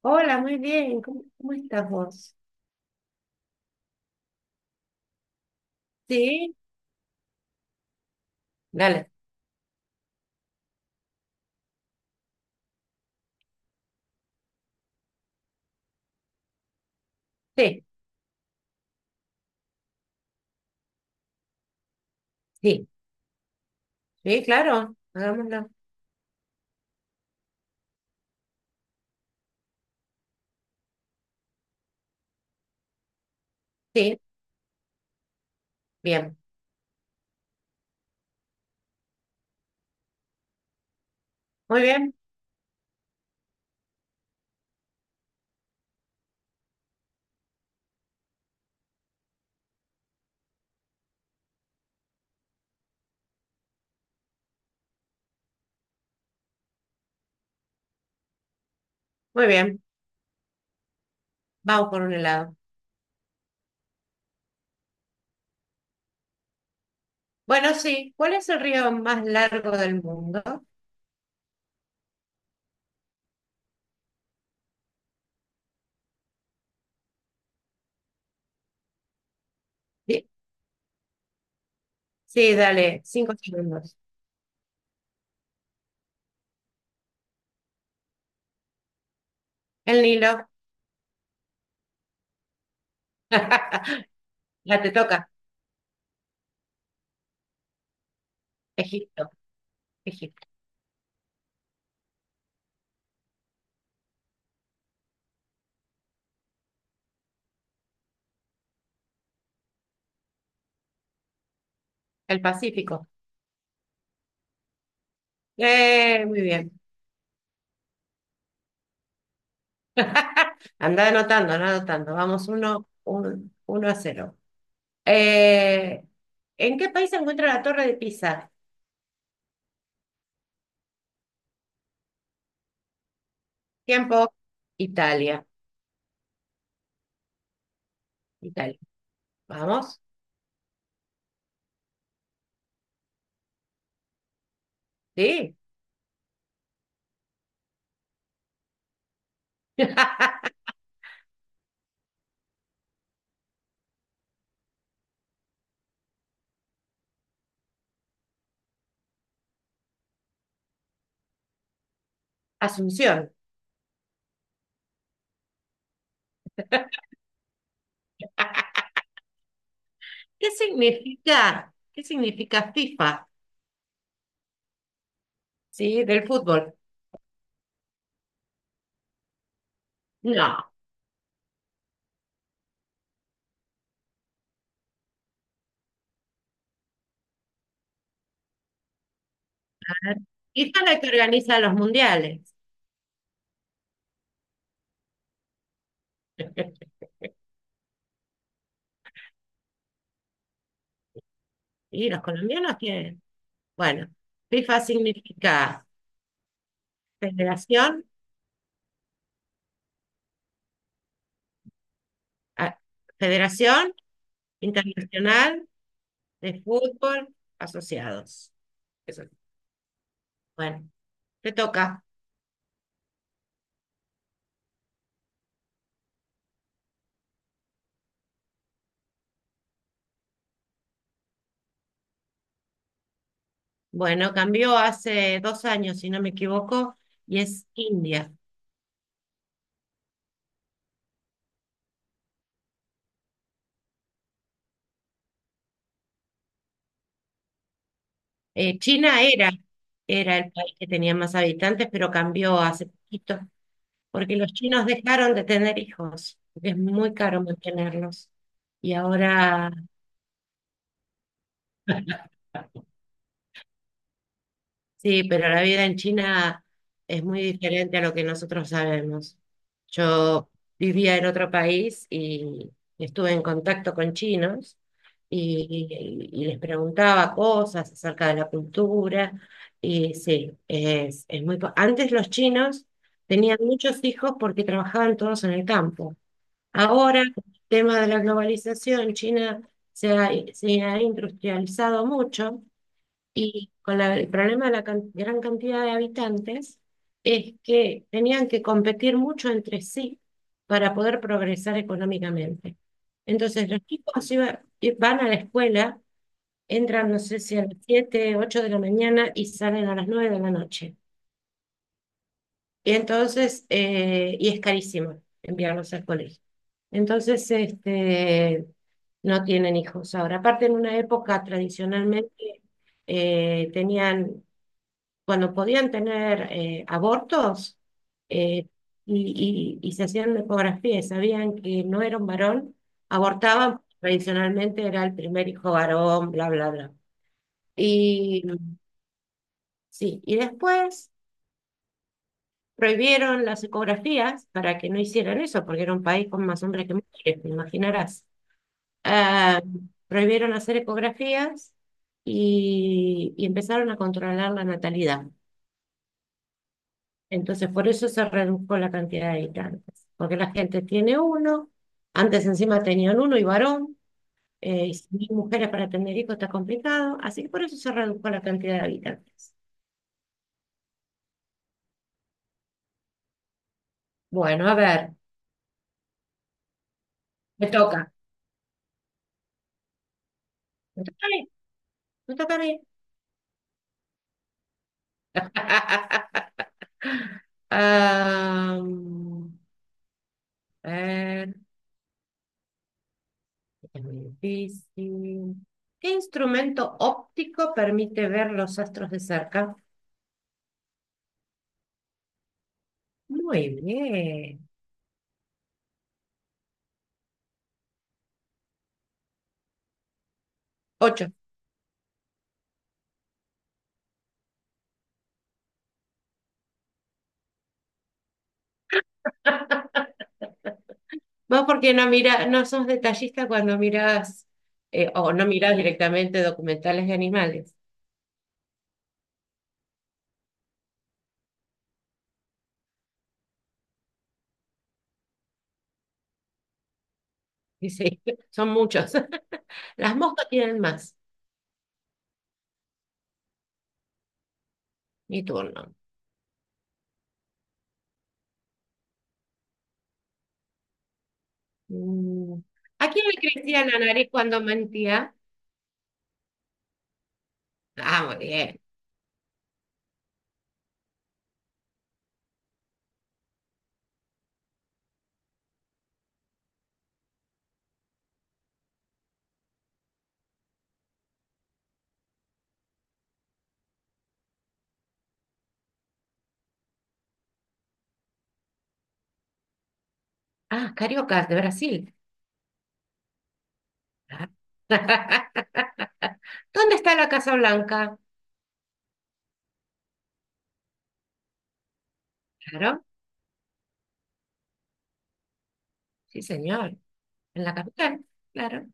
Hola, muy bien. ¿Cómo estás vos? Sí, dale. Sí, sí, sí, claro. Hagámoslo. Sí, bien. Muy bien, muy bien. Vamos por un helado. Bueno, sí. ¿Cuál es el río más largo del mundo? Sí, sí, dale. 5 segundos. El Nilo. La te toca. Egipto, Egipto. El Pacífico. Muy bien. Anda anotando, anda anotando. Vamos, uno, 1-0. Eh, ¿En qué país se encuentra la Torre de Pisa? Tiempo. Italia. Italia. Vamos. Sí. Asunción. ¿Qué significa FIFA? Sí, del fútbol. No. FIFA es la que organiza los mundiales. Y los colombianos tienen. Bueno, FIFA significa Federación, ah, Federación Internacional de Fútbol Asociados. Eso. Bueno, te toca. Bueno, cambió hace 2 años, si no me equivoco, y es India. China era el país que tenía más habitantes, pero cambió hace poquito, porque los chinos dejaron de tener hijos, porque es muy caro mantenerlos. Y ahora. Sí, pero la vida en China es muy diferente a lo que nosotros sabemos. Yo vivía en otro país y estuve en contacto con chinos y les preguntaba cosas acerca de la cultura. Y sí, es muy. Antes los chinos tenían muchos hijos porque trabajaban todos en el campo. Ahora, con el tema de la globalización, China se ha industrializado mucho y con el problema de la gran cantidad de habitantes es que tenían que competir mucho entre sí para poder progresar económicamente. Entonces, los chicos van a la escuela, entran, no sé si a las 7 8 de la mañana y salen a las 9 de la noche. Y entonces, es carísimo enviarlos al colegio. Entonces, no tienen hijos ahora. Aparte, en una época tradicionalmente tenían cuando podían tener abortos eh, y se hacían una ecografía y sabían que no era un varón, abortaban, tradicionalmente era el primer hijo varón, bla, bla, bla. Y sí, y después prohibieron las ecografías para que no hicieran eso, porque era un país con más hombres que mujeres, te imaginarás. Ah, prohibieron hacer ecografías y empezaron a controlar la natalidad. Entonces, por eso se redujo la cantidad de habitantes, porque la gente tiene uno, antes encima tenían uno y varón, y si hay mujeres para tener hijos está complicado, así que por eso se redujo la cantidad de habitantes. Bueno, a ver, me toca. Me toca a mí, me toca a mí. Am, a ver, es muy difícil. ¿Qué instrumento óptico permite ver los astros de cerca? Muy bien. Ocho. Vos porque no mira, no sos detallista cuando mirás, o no mirás directamente documentales de animales. Y sí, son muchos. Las moscas tienen más. Mi turno. Mm. ¿A quién le crecía la nariz cuando mentía? Ah, muy bien. Ah, cariocas de Brasil. Ah. ¿Dónde está la Casa Blanca? Claro, sí, señor. En la capital, claro.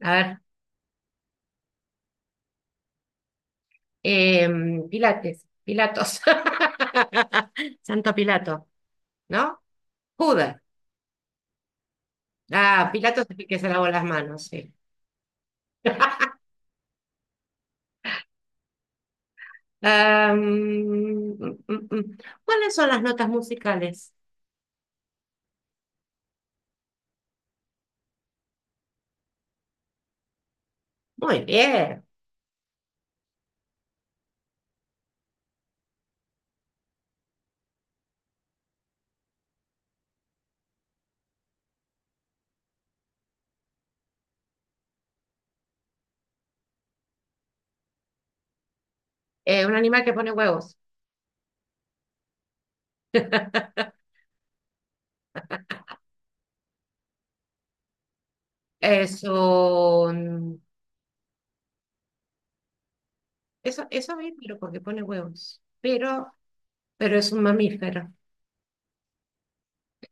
A ver, Pilates, Pilatos. Santo Pilato. ¿No? Judas. Ah, Pilato es el que se lavó las manos, sí. Ah, mm, mm, mm. ¿Cuáles son las notas musicales? Muy bien. Un animal que pone huevos. Eso, eso bien, pero porque pone huevos. Pero es un mamífero.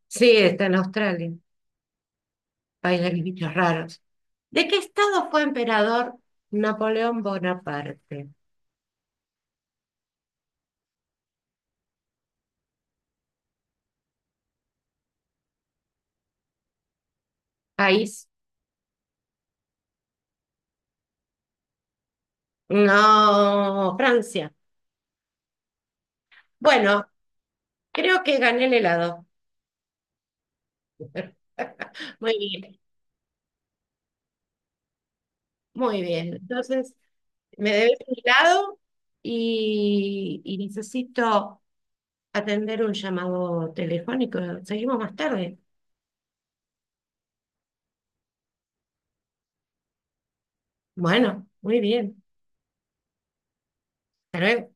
Sí, está en Australia, país de los bichos raros. ¿De qué estado fue emperador Napoleón Bonaparte? País. No, Francia. Bueno, creo que gané el helado. Muy bien, muy bien. Entonces, me debes un helado y necesito atender un llamado telefónico. Seguimos más tarde. Bueno, muy bien. Hasta luego.